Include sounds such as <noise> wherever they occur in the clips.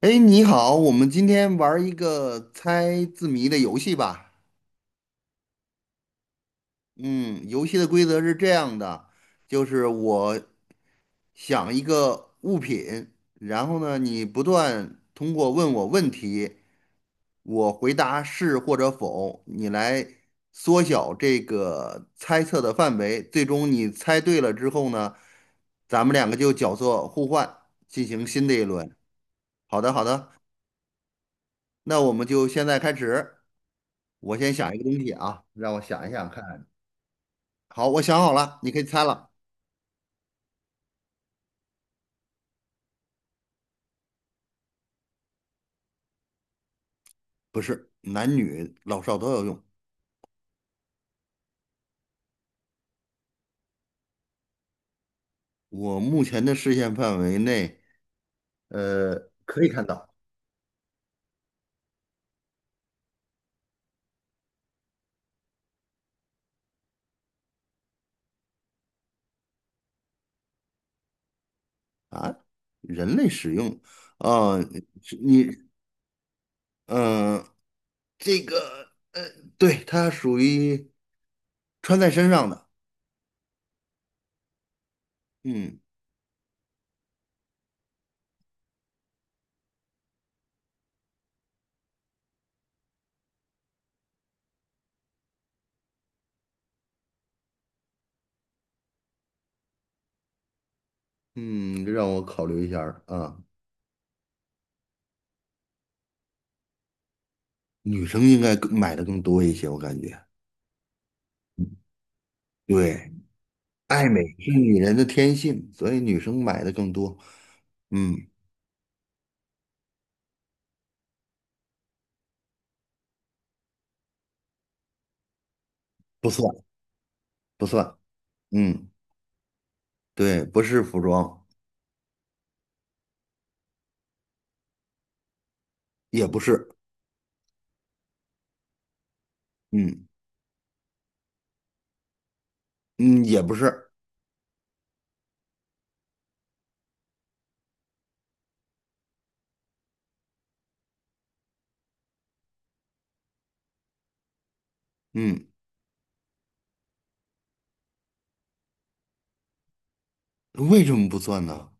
哎，你好，我们今天玩儿一个猜字谜的游戏吧。嗯，游戏的规则是这样的，就是我想一个物品，然后呢，你不断通过问我问题，我回答是或者否，你来缩小这个猜测的范围。最终你猜对了之后呢，咱们两个就角色互换，进行新的一轮。好的，好的，那我们就现在开始。我先想一个东西啊，让我想一想看。好，我想好了，你可以猜了。不是，男女老少都要用。我目前的视线范围内，呃，可以看到啊，人类使用，啊，是你，嗯、这个对，它属于穿在身上的。嗯嗯，让我考虑一下儿啊，女生应该更买的更多一些，我感觉。对，爱美是女人的天性，所以女生买的更多。嗯，不算不算，嗯，对，不是服装，也不是，嗯嗯，也不是，嗯，为什么不算呢？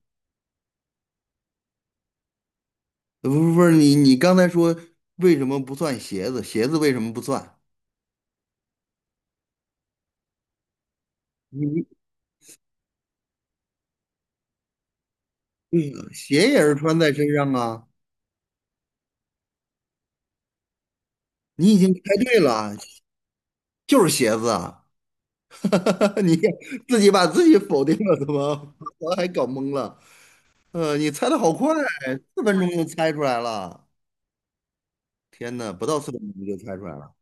呃不不是你刚才说为什么不算鞋子？鞋子为什么不算？你对呀鞋也是穿在身上啊，你已经猜对了，就是鞋子啊，<laughs> 你自己把自己否定了，怎么 <laughs> 我还搞懵了？你猜的好快，四分钟就猜出来了，天哪，不到四分钟你就猜出来了。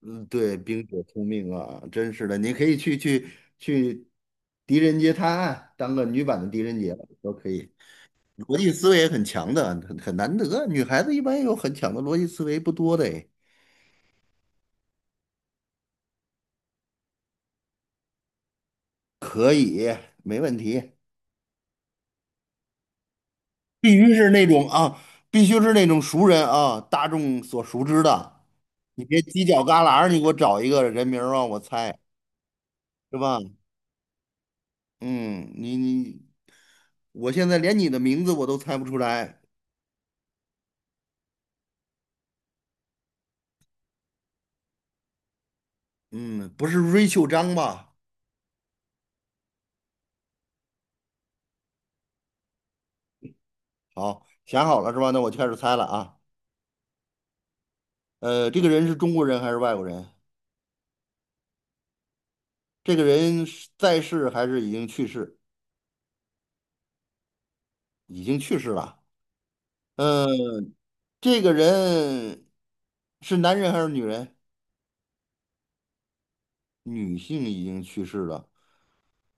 嗯，对，冰雪聪明啊，真是的，你可以去狄仁杰探案，当个女版的狄仁杰都可以。逻辑思维也很强的，很难得，女孩子一般有很强的逻辑思维不多的诶，可以，没问题，必须是那种啊，必须是那种熟人啊，大众所熟知的，你别犄角旮旯儿你给我找一个人名儿让我猜，是吧？嗯，我现在连你的名字我都猜不出来。嗯，不是瑞秋张吧？好，想好了是吧？那我就开始猜了啊。这个人是中国人还是外国人？这个人是在世还是已经去世？已经去世了。嗯、这个人是男人还是女人？女性已经去世了。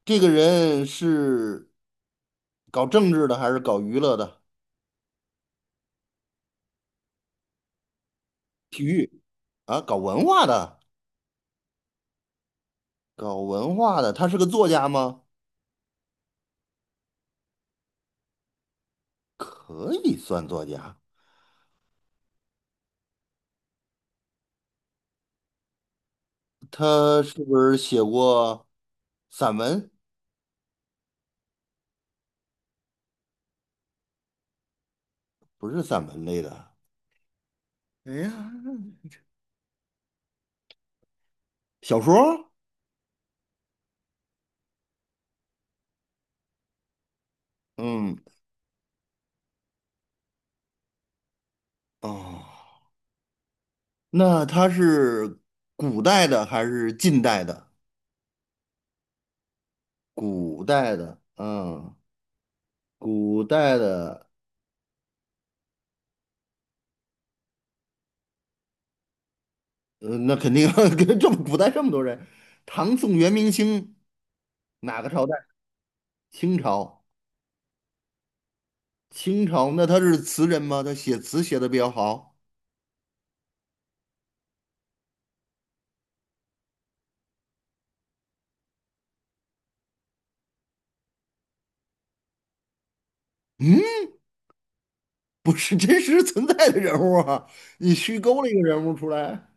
这个人是搞政治的还是搞娱乐的？体育啊，搞文化的，搞文化的。他是个作家吗？可以算作家。他是不是写过散文？不是散文类的，哎呀，小说儿嗯，哦，那他是古代的还是近代的？古代的，嗯，古代的，那肯定 <laughs> 跟这么古代这么多人，唐宋元明清哪个朝代？清朝，清朝，那他是词人吗？他写词写的比较好？嗯，不是真实存在的人物啊，你虚构了一个人物出来。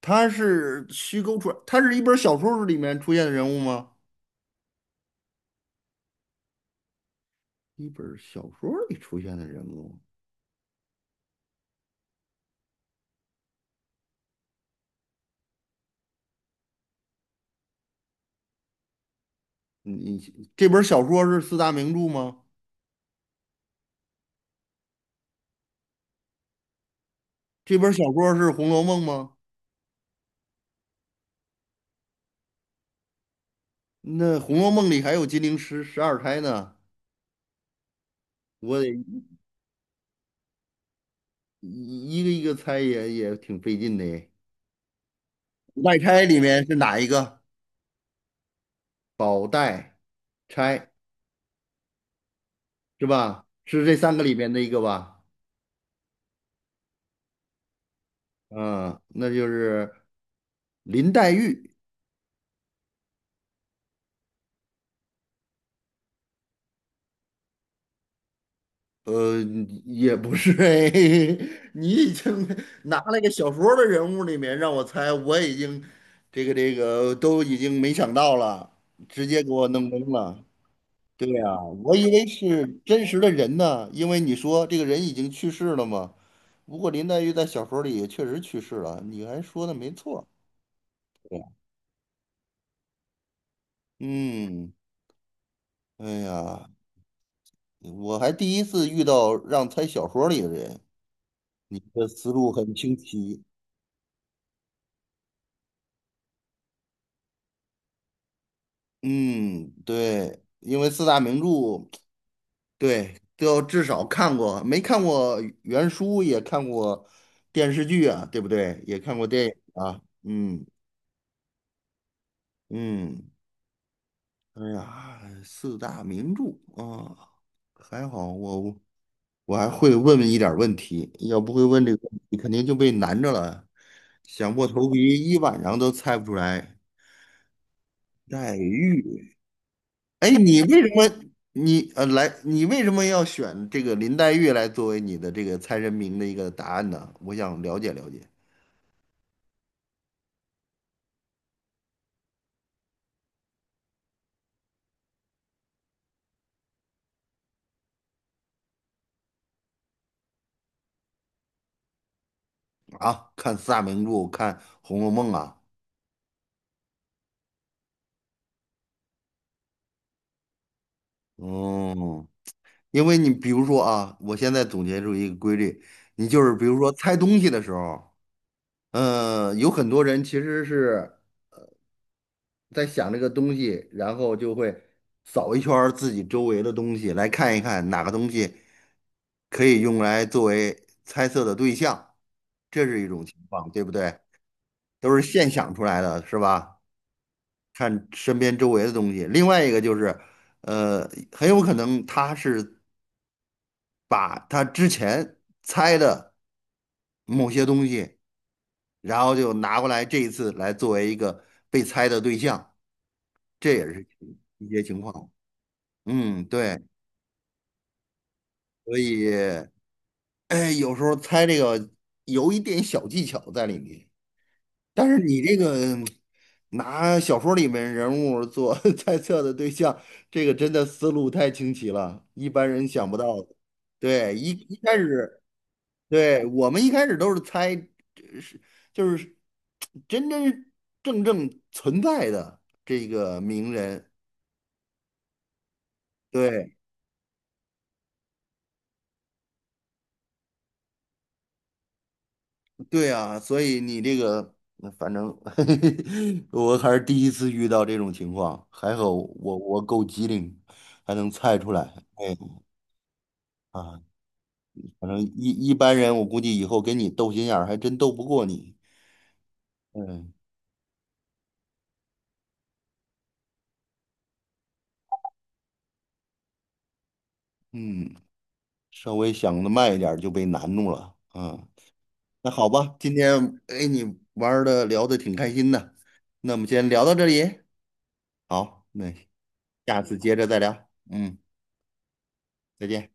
他是虚构出来，他是一本小说里面出现的人物吗？一本小说里出现的人物，你这本小说是四大名著吗？这本小说是《红楼梦》吗？那《红楼梦》里还有金陵十二钗呢，我得一个一个猜也挺费劲的耶。五代钗里面是哪一个？宝黛钗是吧？是这三个里面的一个吧？嗯，那就是林黛玉。呃，也不是哎，<laughs> 你已经拿了一个小说的人物里面让我猜，我已经这个都已经没想到了，直接给我弄懵了。对呀，我以为是真实的人呢，因为你说这个人已经去世了嘛。不过林黛玉在小说里也确实去世了，你还说的没错。对呀嗯，哎呀，我还第一次遇到让猜小说里的人，你的思路很清晰。嗯，对，因为四大名著，对，都要至少看过，没看过原书也看过电视剧啊，对不对？也看过电影啊，嗯嗯，哎呀，四大名著啊，还好我还会问一点儿问题，要不会问这个问题，肯定就被难着了，想破头皮一晚上都猜不出来。黛玉，哎，你为什么你为什么要选这个林黛玉来作为你的这个猜人名的一个答案呢？我想了解了解啊，看四大名著，看《红楼梦》啊，哦，因为你比如说啊，我现在总结出一个规律，你就是比如说猜东西的时候，有很多人其实是在想这个东西，然后就会扫一圈儿自己周围的东西，来看一看哪个东西。可以用来作为猜测的对象，这是一种情况，对不对？都是现想出来的，是吧？看身边周围的东西。另外一个就是，很有可能他是把他之前猜的某些东西，然后就拿过来这一次来作为一个被猜的对象，这也是一些情况。嗯，对，所以，哎，有时候猜这个有一点小技巧在里面。但是你这个拿小说里面人物做 <laughs> 猜测的对象，这个真的思路太清奇了，一般人想不到的。对，一开始，对，我们一开始都是猜，就是真真正正存在的这个名人。对，对啊，所以你这个，反正 <laughs> 我还是第一次遇到这种情况，还好我够机灵，还能猜出来。哎啊。反正一般人，我估计以后跟你斗心眼儿还真斗不过你。嗯嗯，稍微想的慢一点儿就被难住了。嗯，那好吧，今天哎你玩的聊的挺开心的，那我们先聊到这里。好，那下次接着再聊。嗯，再见。